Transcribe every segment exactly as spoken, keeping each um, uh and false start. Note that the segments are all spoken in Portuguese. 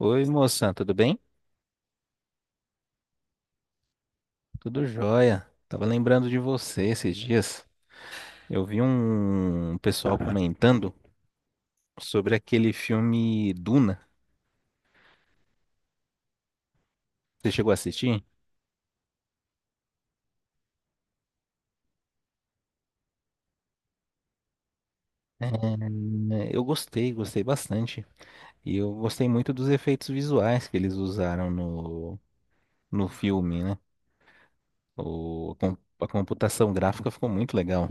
Oi, moça, tudo bem? Tudo jóia. Tava lembrando de você esses dias. Eu vi um pessoal comentando sobre aquele filme Duna. Você chegou a assistir? É, eu gostei, gostei bastante. E eu gostei muito dos efeitos visuais que eles usaram no, no filme, né? O, a com- a computação gráfica ficou muito legal.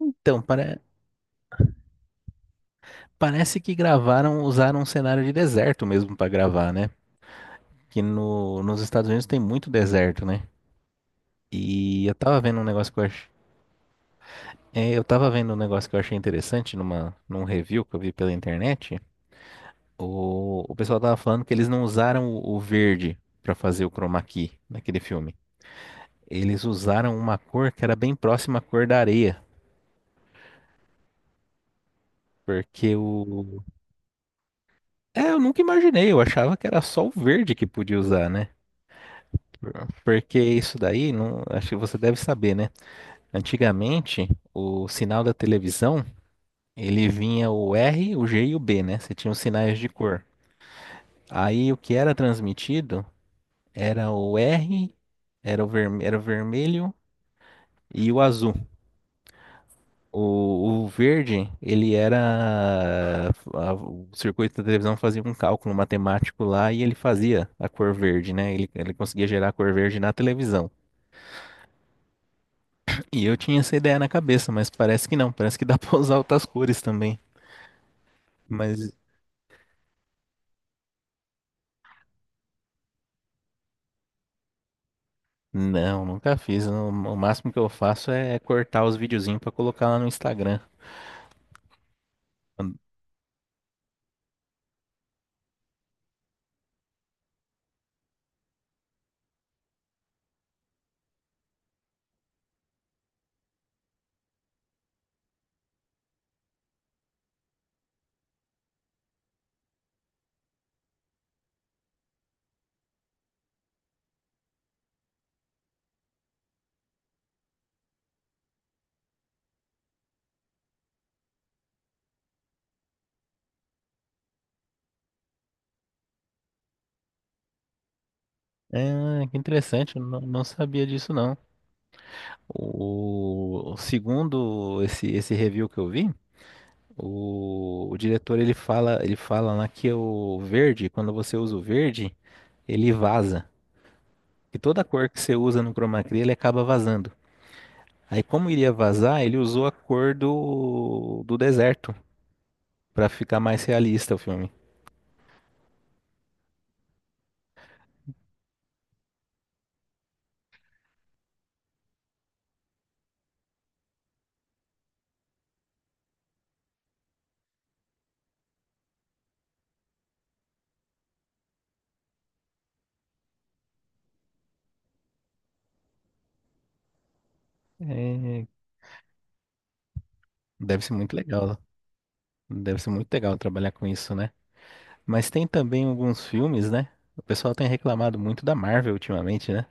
Então, pare- parece que gravaram, usaram um cenário de deserto mesmo para gravar, né? Que no, nos Estados Unidos tem muito deserto, né? E eu tava vendo um negócio que eu achei, eu tava vendo um negócio que eu achei interessante numa, num review que eu vi pela internet. O, o pessoal tava falando que eles não usaram o, o verde pra fazer o chroma key naquele filme. Eles usaram uma cor que era bem próxima à cor da areia, porque o... É, eu nunca imaginei, eu achava que era só o verde que podia usar, né? Por- Porque isso daí, não, acho que você deve saber, né? Antigamente, o sinal da televisão ele vinha o R, o G e o B, né? Você tinha os sinais de cor. Aí o que era transmitido era o R, era o, verme- era o vermelho e o azul. O, o verde, ele era... a- o circuito da televisão fazia um cálculo matemático lá e ele fazia a cor verde, né? Ele, ele conseguia gerar a cor verde na televisão. E eu tinha essa ideia na cabeça, mas parece que não. Parece que dá pra usar outras cores também. mas Não, nunca fiz. O o máximo que eu faço é cortar os videozinhos pra colocar lá no Instagram. É, que interessante, eu não, não sabia disso não. O, o segundo esse esse review que eu vi, o, o diretor ele fala, ele fala lá que o verde, quando você usa o verde, ele vaza. E toda cor que você usa no chroma key, ele acaba vazando. Aí como iria vazar, ele usou a cor do do deserto pra ficar mais realista o filme. É, deve ser muito legal. Deve ser muito legal trabalhar com isso, né? Mas tem também alguns filmes, né? O pessoal tem reclamado muito da Marvel ultimamente, né?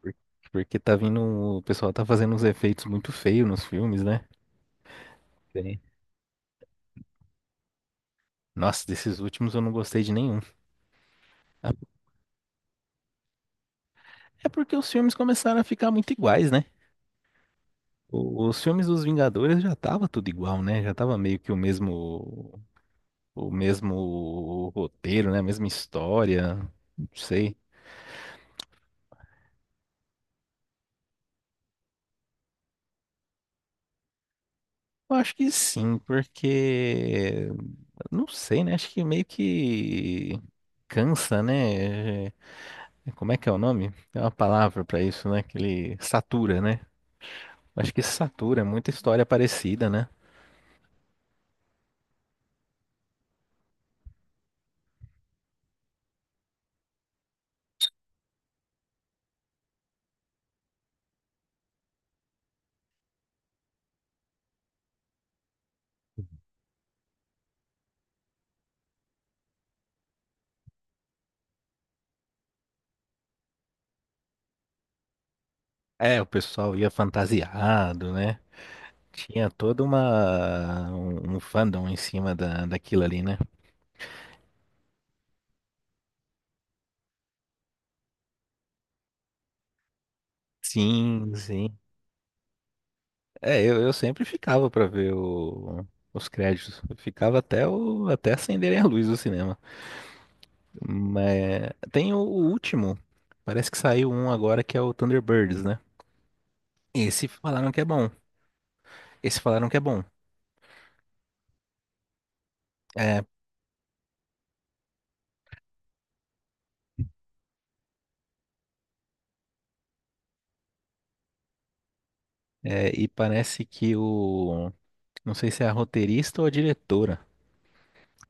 Por- Porque tá vindo, o pessoal tá fazendo uns efeitos muito feios nos filmes, né? Sim. Nossa, desses últimos eu não gostei de nenhum. Ah, é porque os filmes começaram a ficar muito iguais, né? O- Os filmes dos Vingadores já tava tudo igual, né? Já tava meio que o mesmo, o mesmo roteiro, né? A mesma história. Não sei. Eu acho que sim, porque... Não sei, né? Acho que meio que cansa, né? É... Como é que é o nome? Tem uma palavra pra isso, né? Que ele satura, né? Acho que satura, é muita história parecida, né? É, o pessoal ia fantasiado, né? Tinha toda uma um um fandom em cima da, daquilo ali, né? Sim, sim. É, eu, eu sempre ficava pra ver o- os créditos. Eu ficava até o até acenderem a luz do cinema. Mas tem o, o último. Parece que saiu um agora que é o Thunderbirds, né? Esse falaram que é bom. Esse falaram que é bom. É, é, e parece que o... Não sei se é a roteirista ou a diretora.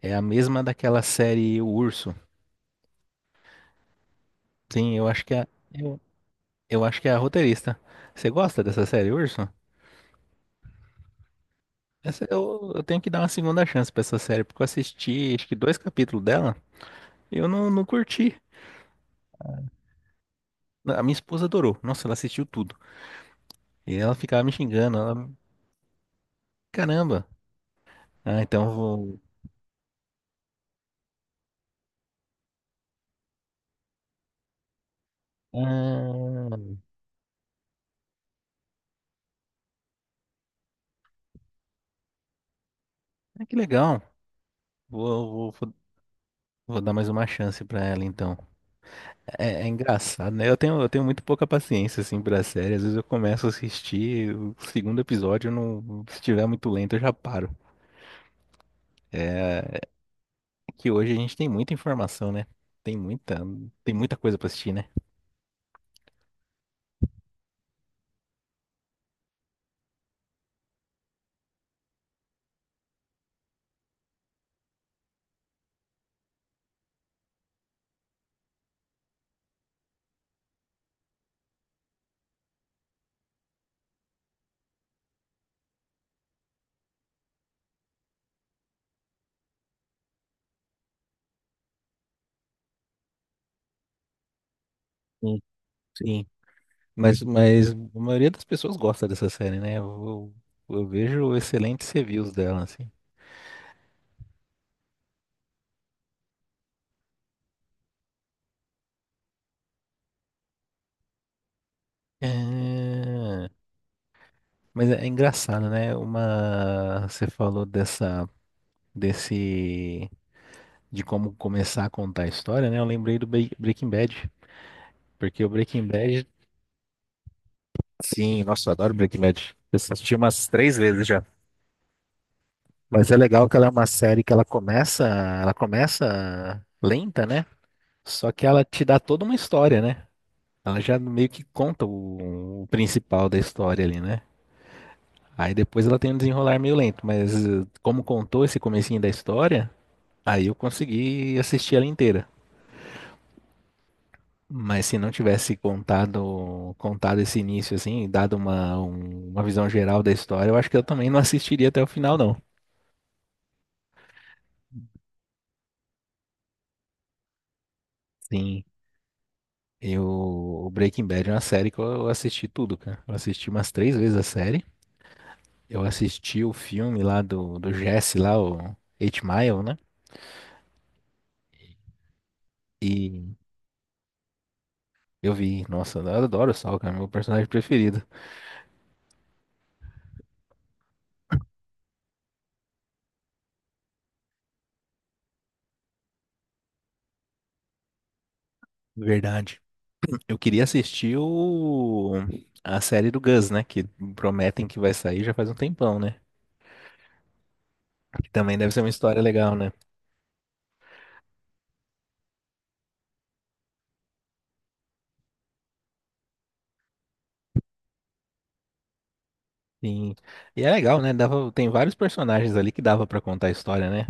É a mesma daquela série O Urso. Sim, eu acho que é. Eu, eu acho que é a roteirista. Você gosta dessa série, Urso? Essa- eu, eu tenho que dar uma segunda chance pra essa série, porque eu assisti acho que dois capítulos dela e eu não, não curti. A minha esposa adorou. Nossa, ela assistiu tudo. E ela ficava me xingando. Ela... Caramba. Ah, então eu vou. Ah, ah, que legal. Vou, vou, vou vou dar mais uma chance pra ela, então. É, é engraçado, né? Eu tenho, eu tenho muito pouca paciência, assim, pra série. Às vezes eu começo a assistir o segundo episódio, eu não, se estiver muito lento, eu já paro. É que hoje a gente tem muita informação, né? Tem muita, tem muita coisa pra assistir, né? Sim. Sim. Mas, mas a maioria das pessoas gosta dessa série, né? Eu, eu vejo excelentes reviews dela, assim. É. Mas é é engraçado, né? Uma, você falou dessa, desse, de como começar a contar a história, né? Eu lembrei do Be- Breaking Bad, porque o Breaking Bad, sim, nossa, eu adoro Breaking Bad. Eu assisti umas três vezes já. Mas é legal que ela é uma série que ela começa, ela começa lenta, né? Só que ela te dá toda uma história, né? Ela já meio que conta o, o principal da história ali, né? Aí depois ela tem um desenrolar meio lento, mas eh, como contou esse comecinho da história, aí eu consegui assistir ela inteira. Mas se não tivesse contado, contado esse início assim, dado uma, um- uma visão geral da história, eu acho que eu também não assistiria até o final, não. Sim, eu, o Breaking Bad é uma série que eu assisti tudo, cara. Eu assisti umas três vezes a série. Eu assisti o filme lá do, do Jesse lá, o Eight Mile, né? E eu vi, nossa, eu adoro o Saul, cara, meu personagem preferido. Verdade. Eu queria assistir o... a série do Gus, né? Que prometem que vai sair já faz um tempão, né? Que também deve ser uma história legal, né? Sim. E é legal, né? Dava... Tem vários personagens ali que dava pra contar a história, né?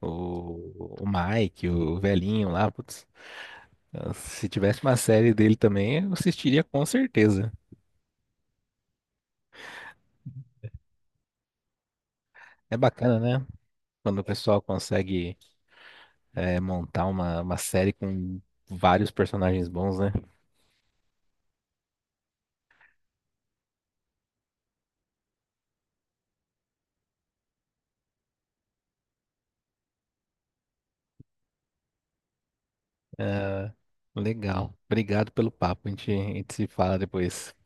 O... o Mike, o velhinho lá, putz. Se tivesse uma série dele também, eu assistiria com certeza. É bacana, né? Quando o pessoal consegue eh, montar uma, uma série com vários personagens bons, né? Ah, legal. Obrigado pelo papo. A gente, a gente se fala depois.